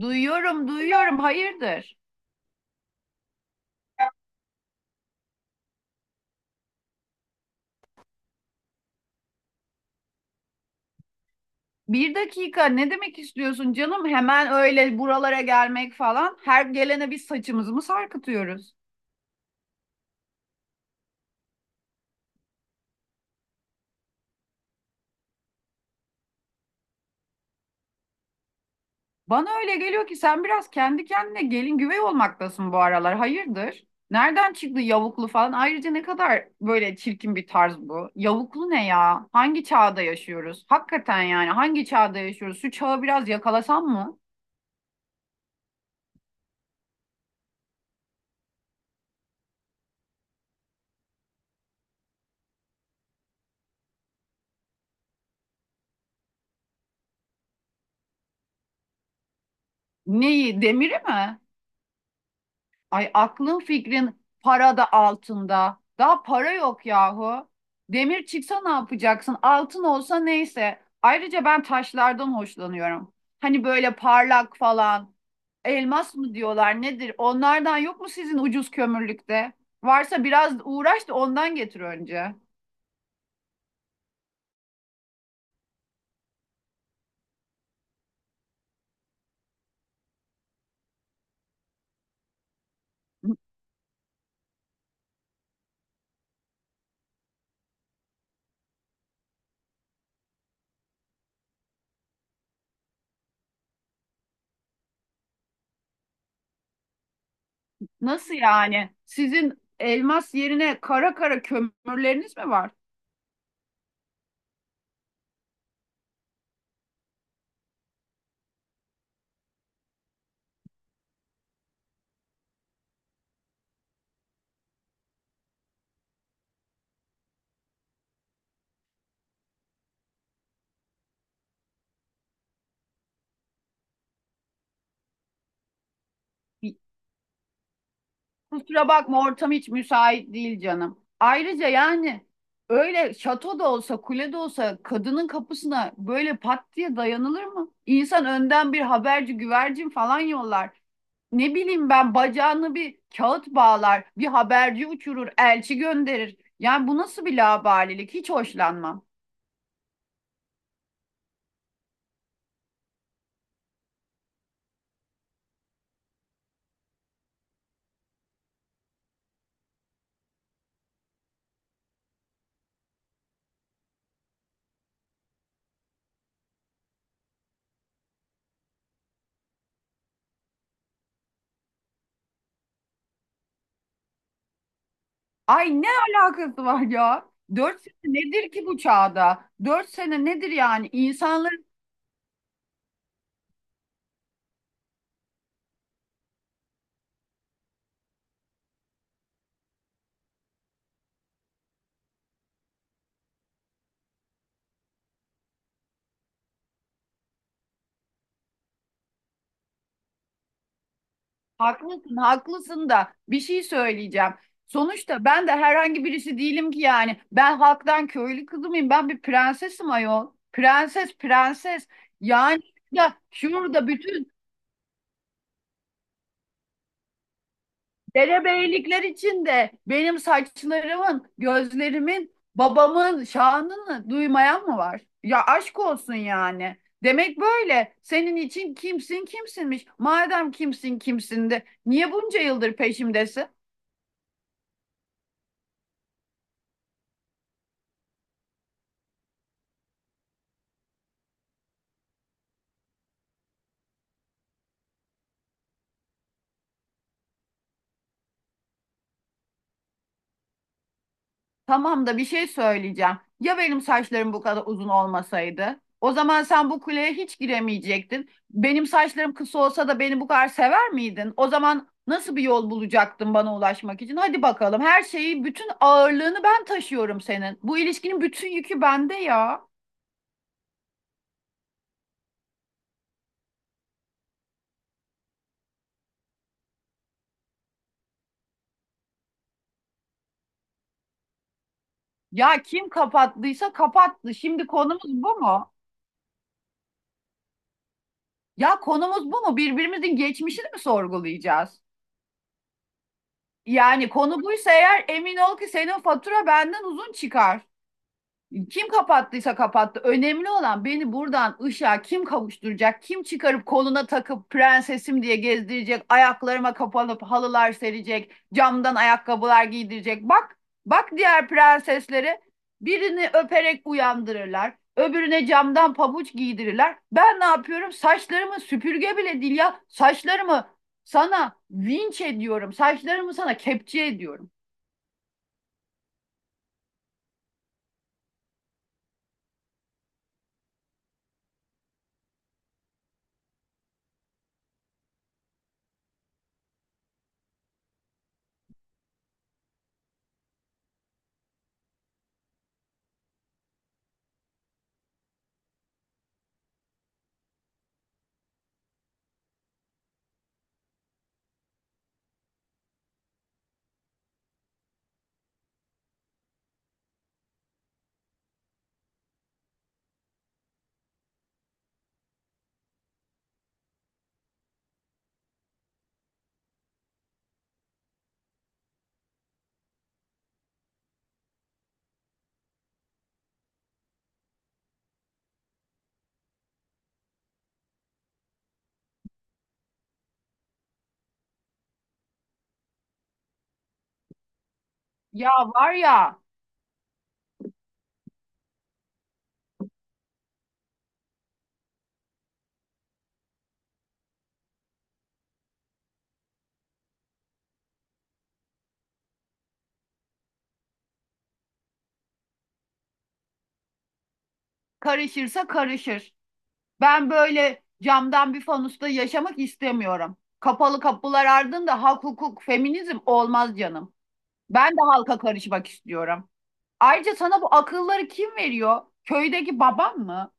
Duyuyorum, duyuyorum. Hayırdır? Bir dakika ne demek istiyorsun canım? Hemen öyle buralara gelmek falan. Her gelene biz saçımızı mı sarkıtıyoruz? Bana öyle geliyor ki sen biraz kendi kendine gelin güvey olmaktasın bu aralar. Hayırdır? Nereden çıktı yavuklu falan? Ayrıca ne kadar böyle çirkin bir tarz bu. Yavuklu ne ya? Hangi çağda yaşıyoruz? Hakikaten yani hangi çağda yaşıyoruz? Şu çağı biraz yakalasan mı? Neyi? Demiri mi? Ay aklın fikrin para da altında. Daha para yok yahu. Demir çıksa ne yapacaksın? Altın olsa neyse. Ayrıca ben taşlardan hoşlanıyorum. Hani böyle parlak falan. Elmas mı diyorlar nedir? Onlardan yok mu sizin ucuz kömürlükte? Varsa biraz uğraş da ondan getir önce. Nasıl yani? Sizin elmas yerine kara kara kömürleriniz mi var? Kusura bakma ortam hiç müsait değil canım. Ayrıca yani öyle şato da olsa kule de olsa kadının kapısına böyle pat diye dayanılır mı? İnsan önden bir haberci güvercin falan yollar. Ne bileyim ben bacağını bir kağıt bağlar, bir haberci uçurur, elçi gönderir. Yani bu nasıl bir laubalilik? Hiç hoşlanmam. Ay ne alakası var ya? Dört sene nedir ki bu çağda? 4 sene nedir yani? İnsanların. Haklısın, haklısın da bir şey söyleyeceğim. Sonuçta ben de herhangi birisi değilim ki yani. Ben halktan köylü kızı mıyım? Ben bir prensesim ayol. Prenses, prenses. Yani ya şurada bütün derebeylikler içinde benim saçlarımın, gözlerimin, babamın şanını duymayan mı var? Ya aşk olsun yani. Demek böyle. Senin için kimsin kimsinmiş. Madem kimsin kimsin de niye bunca yıldır peşimdesin? Tamam da bir şey söyleyeceğim. Ya benim saçlarım bu kadar uzun olmasaydı? O zaman sen bu kuleye hiç giremeyecektin. Benim saçlarım kısa olsa da beni bu kadar sever miydin? O zaman nasıl bir yol bulacaktın bana ulaşmak için? Hadi bakalım. Her şeyi, bütün ağırlığını ben taşıyorum senin. Bu ilişkinin bütün yükü bende ya. Ya kim kapattıysa kapattı. Şimdi konumuz bu mu? Ya konumuz bu mu? Birbirimizin geçmişini mi sorgulayacağız? Yani konu buysa eğer emin ol ki senin fatura benden uzun çıkar. Kim kapattıysa kapattı. Önemli olan beni buradan ışığa kim kavuşturacak, kim çıkarıp koluna takıp prensesim diye gezdirecek, ayaklarıma kapanıp halılar serecek, camdan ayakkabılar giydirecek. Bak, bak diğer prensesleri birini öperek uyandırırlar, öbürüne camdan pabuç giydirirler. Ben ne yapıyorum? Saçlarımı süpürge bile değil ya, saçlarımı sana vinç ediyorum, saçlarımı sana kepçe ediyorum. Ya var ya, karışırsa karışır. Ben böyle camdan bir fanusta yaşamak istemiyorum. Kapalı kapılar ardında hak, hukuk, feminizm olmaz canım. Ben de halka karışmak istiyorum. Ayrıca sana bu akılları kim veriyor? Köydeki babam mı?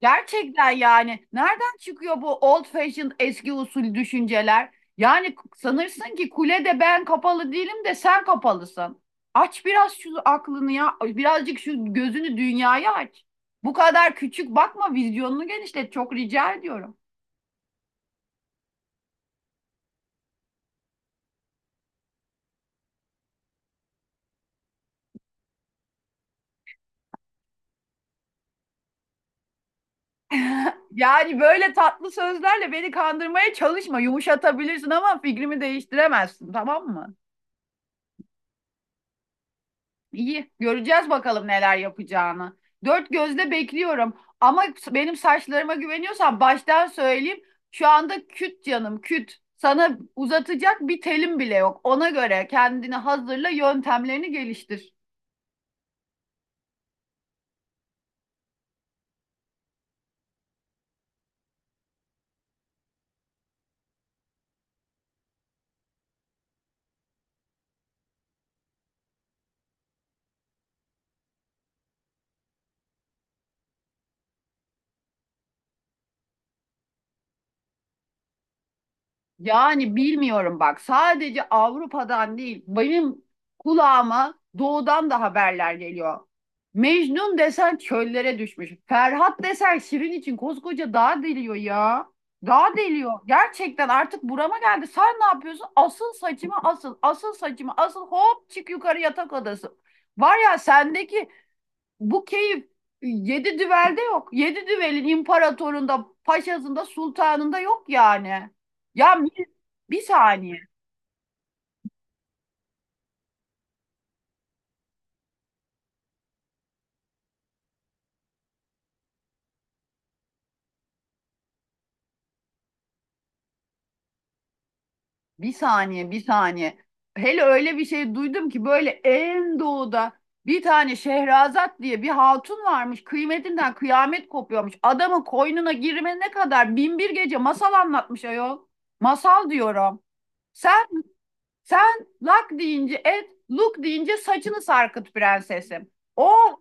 Gerçekten yani nereden çıkıyor bu old fashioned eski usul düşünceler? Yani sanırsın ki kulede ben kapalı değilim de sen kapalısın. Aç biraz şu aklını ya. Birazcık şu gözünü dünyaya aç. Bu kadar küçük bakma vizyonunu genişlet çok rica ediyorum. Yani böyle tatlı sözlerle beni kandırmaya çalışma. Yumuşatabilirsin ama fikrimi değiştiremezsin tamam mı? İyi, göreceğiz bakalım neler yapacağını. Dört gözle bekliyorum. Ama benim saçlarıma güveniyorsan baştan söyleyeyim. Şu anda küt canım, küt. Sana uzatacak bir telim bile yok. Ona göre kendini hazırla, yöntemlerini geliştir. Yani bilmiyorum bak sadece Avrupa'dan değil benim kulağıma doğudan da haberler geliyor. Mecnun desen çöllere düşmüş. Ferhat desen Şirin için koskoca dağ deliyor ya. Dağ deliyor. Gerçekten artık burama geldi. Sen ne yapıyorsun? Asıl saçımı asıl, asıl saçımı asıl hop çık yukarı yatak odası. Var ya sendeki bu keyif yedi düvelde yok. Yedi düvelin imparatorunda, paşasında, sultanında yok yani. Ya mi- bir saniye, bir saniye, bir saniye. Hele öyle bir şey duydum ki böyle en doğuda bir tane Şehrazat diye bir hatun varmış. Kıymetinden kıyamet kopuyormuş. Adamın koynuna girmene kadar bin bir gece masal anlatmış ayol. Masal diyorum. Sen sen lak deyince et, luk deyince saçını sarkıt prensesim. Oh.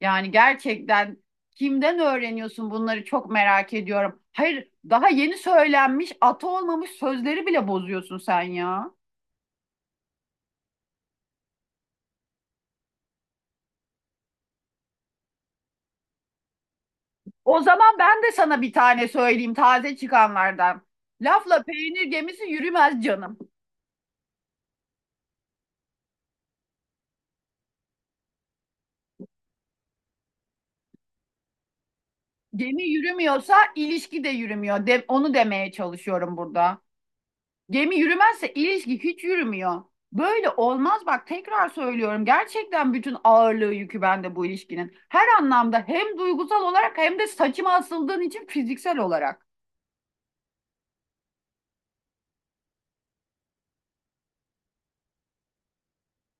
Yani gerçekten kimden öğreniyorsun bunları çok merak ediyorum. Hayır, daha yeni söylenmiş, atı olmamış sözleri bile bozuyorsun sen ya. O zaman ben de sana bir tane söyleyeyim taze çıkanlardan. Lafla peynir gemisi yürümez canım. Gemi yürümüyorsa ilişki de yürümüyor. Onu demeye çalışıyorum burada. Gemi yürümezse ilişki hiç yürümüyor. Böyle olmaz bak tekrar söylüyorum. Gerçekten bütün ağırlığı yükü bende bu ilişkinin. Her anlamda hem duygusal olarak hem de saçıma asıldığın için fiziksel olarak.